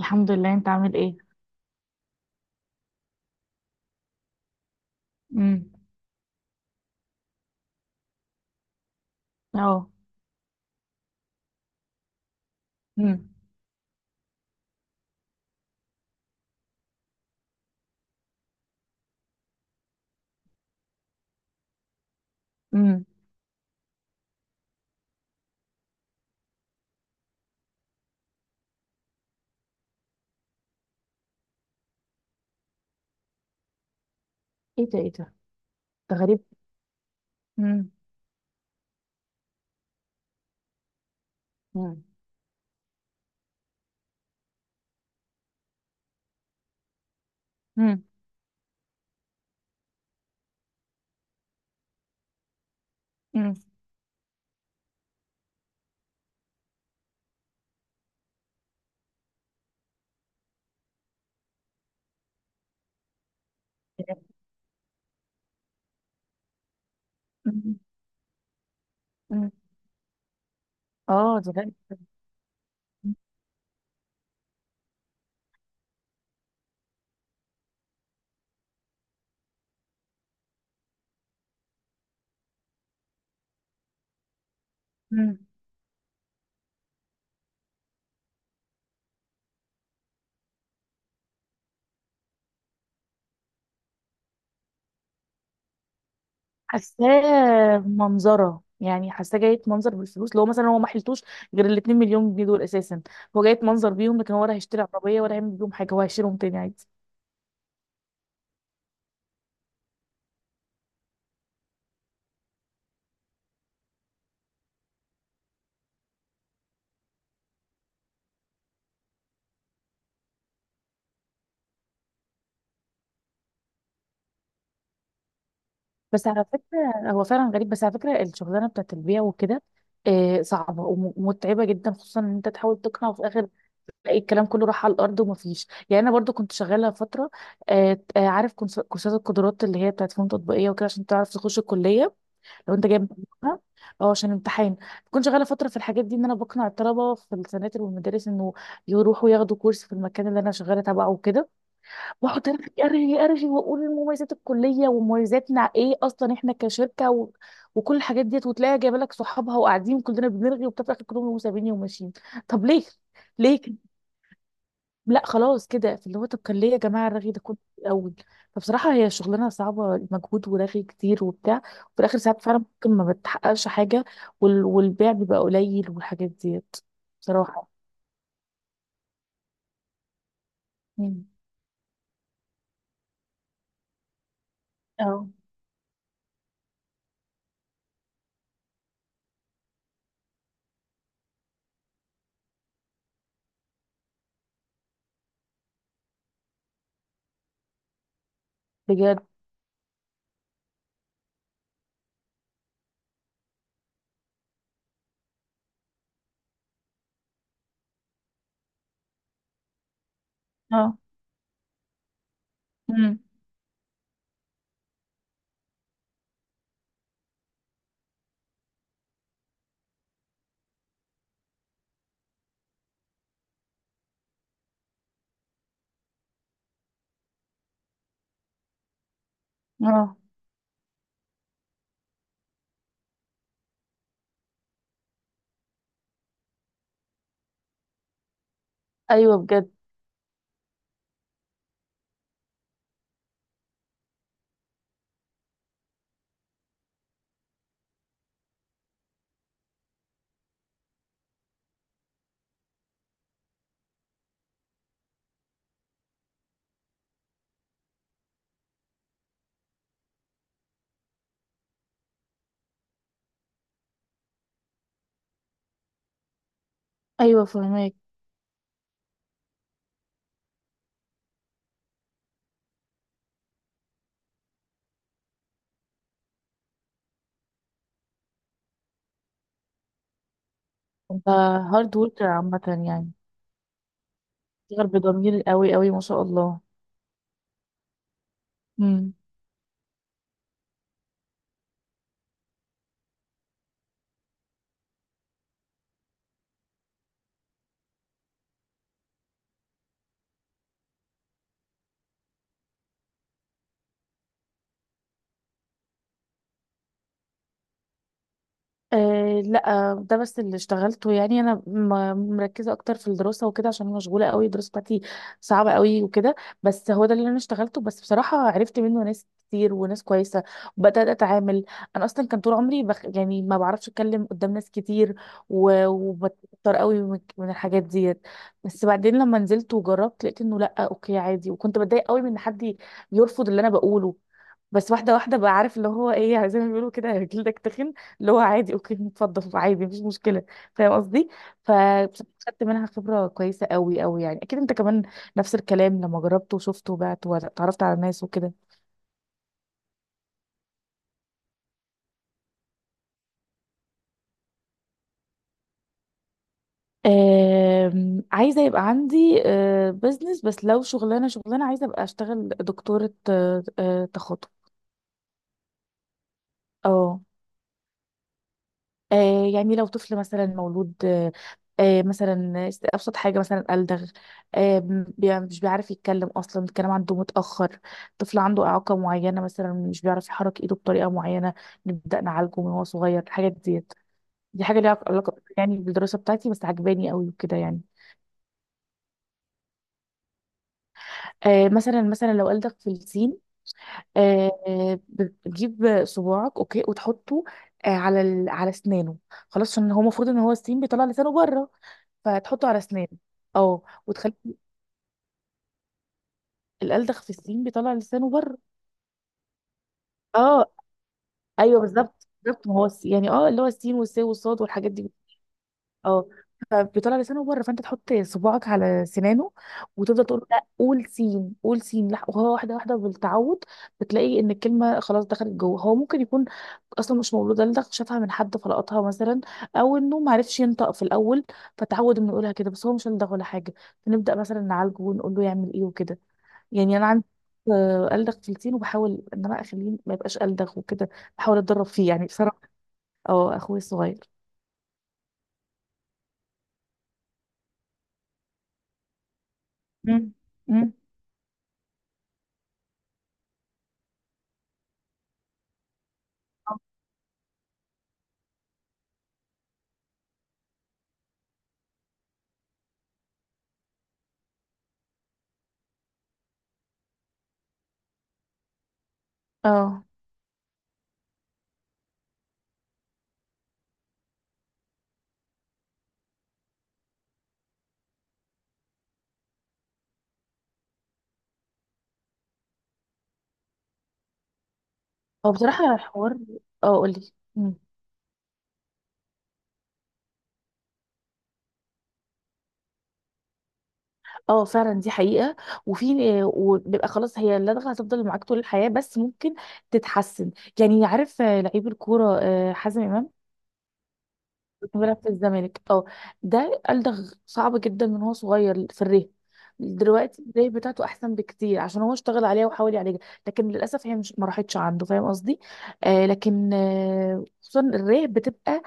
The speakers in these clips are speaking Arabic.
الحمد لله. انت عامل ايه؟ امم. اه. امم. امم. ايه ده، ايه ده؟ ده غريب. امم. امم. امم. امم. امم. امم. اه، ده غريب. امم. حاساه منظره، يعني حاساه جاية منظر بالفلوس، لو مثلا هو ما حلتوش غير ال 2 مليون جنيه دول اساسا. هو جاية منظر بيهم، لكن هو ولا هيشتري عربيه ولا هيعمل بيهم حاجه. هو هيشيلهم تاني عادي. بس على فكره هو فعلا غريب. بس على فكره الشغلانه بتاعت البيع وكده، صعبه ومتعبه جدا، خصوصا ان انت تحاول تقنع. في الاخر تلاقي الكلام كله راح على الارض ومفيش. يعني انا برضو كنت شغاله فتره، عارف كورسات القدرات اللي هي بتاعت فنون تطبيقيه وكده، عشان تعرف تخش الكليه لو انت جايب مجموعها، او عشان امتحان. كنت شغاله فتره في الحاجات دي، ان انا بقنع الطلبه في السناتر والمدارس انه يروحوا ياخدوا كورس في المكان اللي انا شغاله تبعه وكده، واقعد ارغي ارغي ارغي واقول مميزات الكليه ومميزاتنا ايه اصلا احنا كشركه وكل الحاجات ديت، وتلاقيها جايبه لك صحابها وقاعدين كلنا بنرغي وبتاع، في الاخر كلهم سابيني وماشيين. طب ليه؟ ليه؟ لا خلاص كده. فاللي هو طب كان ليه يا جماعه الرغي ده كله في الاول؟ فبصراحه هي شغلانه صعبه، مجهود ورغي كتير وبتاع، وفي الاخر ساعات فعلا ممكن ما بتحققش حاجه. والبيع بيبقى قليل والحاجات ديت، بصراحه. مم. اه، بجد. اه. مم. اه، ايوه بجد. ايوه، فهمك. انت هارد وركر عامه يعني، بتشتغل بضمير قوي قوي، ما شاء الله. مم. أه لا، ده بس اللي اشتغلته. يعني انا مركزه اكتر في الدراسه وكده، عشان أنا مشغوله قوي. الدراسه بتاعتي صعبه قوي وكده. بس هو ده اللي انا اشتغلته. بس بصراحه عرفت منه ناس كتير وناس كويسه، وبدات اتعامل. انا اصلا كان طول عمري يعني ما بعرفش اتكلم قدام ناس كتير، وبتضطر قوي من الحاجات ديت. بس بعدين لما نزلت وجربت لقيت انه لا، اوكي عادي. وكنت بتضايق قوي من ان حد يرفض اللي انا بقوله، بس واحده واحده بقى، عارف اللي هو ايه، زي ما بيقولوا كده، جلدك تخن. اللي هو عادي، اوكي، اتفضل عادي، مفيش مشكله. فاهم قصدي. فبصراحه خدت منها خبره كويسه قوي قوي، يعني اكيد انت كمان نفس الكلام، لما جربت وشفت وبعت وتعرفت على ناس وكده. عايزه يبقى عندي بزنس. بس لو شغلانه، شغلانه عايزه ابقى اشتغل دكتوره، تخاطب. اه. آه، يعني لو طفل مثلا مولود. مثلا أبسط حاجة، مثلا ألدغ، مش بيعرف يتكلم أصلا، الكلام عنده متأخر، طفل عنده إعاقة معينة، مثلا مش بيعرف يحرك إيده بطريقة معينة، نبدأ نعالجه من هو صغير، الحاجات ديت. دي حاجة ليها علاقة يعني بالدراسة بتاعتي، بس عجباني قوي وكده يعني. مثلا مثلا لو ألدغ في السين، بتجيب صباعك، أوكي، وتحطه على أسنانه. خلاص، عشان هو المفروض إن هو السين بيطلع لسانه بره، فهتحطه على اسنانه. اه، وتخلي. الالدغ في السين بيطلع لسانه بره. اه، ايوه، بالظبط بالظبط، ما هو يعني اللي هو السين والسين والصاد والحاجات دي. اه. فبيطلع لسانه بره، فانت تحط صباعك على سنانه، وتفضل تقول له، لا، قول سين، قول سين، وهو واحده واحده بالتعود، بتلاقي ان الكلمه خلاص دخلت جوه. هو ممكن يكون اصلا مش مولود الدغ، شافها من حد فلقطها مثلا، او انه ما عرفش ينطق في الاول، فتعود انه يقولها كده، بس هو مش الدغ ولا حاجه، فنبدا مثلا نعالجه ونقول له يعمل ايه وكده. يعني انا عندي ألدغ تلتين، وبحاول ان انا اخليه ما يبقاش ألدغ وكده، بحاول اتدرب فيه يعني بصراحة. اه، اخوي الصغير. مم. مم. اه، هو بصراحة الحوار. اه، قولي. مم. اه، فعلا دي حقيقة. وفي وبيبقى خلاص، هي اللدغة هتفضل معاك طول الحياة، بس ممكن تتحسن. يعني عارف لعيب الكورة، حازم إمام، بيلعب في الزمالك. اه. ده قال ده صعب جدا من هو صغير في الريه. دلوقتي الريه بتاعته احسن بكتير، عشان هو اشتغل عليها وحاول يعالجها، لكن للاسف هي مش ما راحتش عنده، فاهم قصدي. لكن خصوصا الريه بتبقى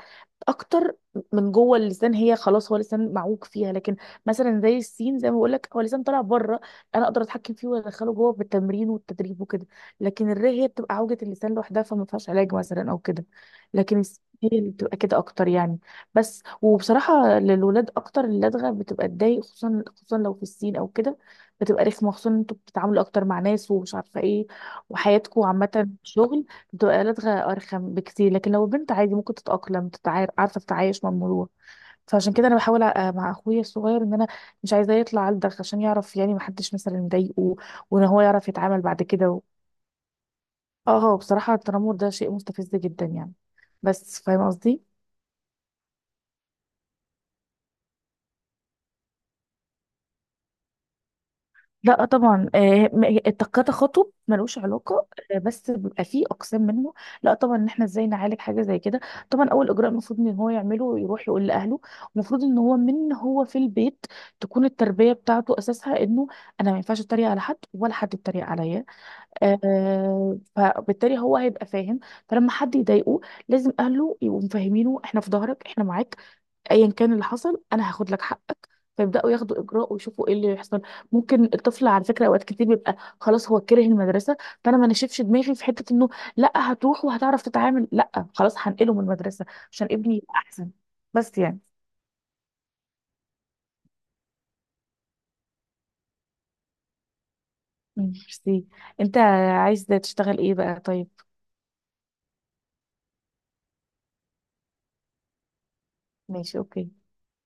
اكتر، من جوه اللسان، هي خلاص هو لسان معوج فيها. لكن مثلا زي السين، زي ما بقول لك هو لسان طالع بره، انا اقدر اتحكم فيه وادخله جوه بالتمرين والتدريب وكده. لكن هي بتبقى عوجة اللسان لوحدها، فما فيهاش علاج مثلا او كده. لكن هي اللي بتبقى كده اكتر يعني. بس، وبصراحة للولاد اكتر اللدغة بتبقى تضايق، خصوصا خصوصا لو في السين او كده، بتبقى رخمة، خصوصا إن انتوا بتتعاملوا اكتر مع ناس ومش عارفة ايه، وحياتكم عامة شغل، دقالات أرخم بكتير. لكن لو بنت عادي ممكن تتأقلم، عارفة تتعايش مع الموضوع. فعشان كده أنا بحاول مع أخويا الصغير، إن أنا مش عايزاه يطلع علدغ، عشان يعرف يعني محدش مثلا يضايقه، وإن هو يعرف يتعامل بعد كده اه، هو بصراحة التنمر ده شيء مستفز جدا يعني، بس فاهم قصدي. لا طبعا، التقاطع خطب ملوش علاقه. بس بيبقى فيه اقسام منه. لا طبعا، ان احنا ازاي نعالج حاجه زي كده. طبعا، اول اجراء المفروض ان هو يعمله، يروح يقول لاهله. المفروض ان هو من هو في البيت تكون التربيه بتاعته اساسها انه انا ما ينفعش اتريق على حد، ولا حد يتريق عليا، فبالتالي هو هيبقى فاهم. فلما حد يضايقه، لازم اهله يبقوا مفهمينه، احنا في ظهرك، احنا معاك، ايا كان اللي حصل انا هاخد لك حقك، فيبداوا ياخدوا اجراء ويشوفوا ايه اللي يحصل. ممكن الطفل على فكره اوقات كتير بيبقى خلاص هو كره المدرسه، فانا ما نشفش دماغي في حته انه لا، هتروح وهتعرف تتعامل. لا خلاص، هنقله من المدرسه عشان ابني يبقى احسن. بس يعني. مم، ميرسي. انت عايز تشتغل ايه بقى؟ طيب. ماشي، اوكي.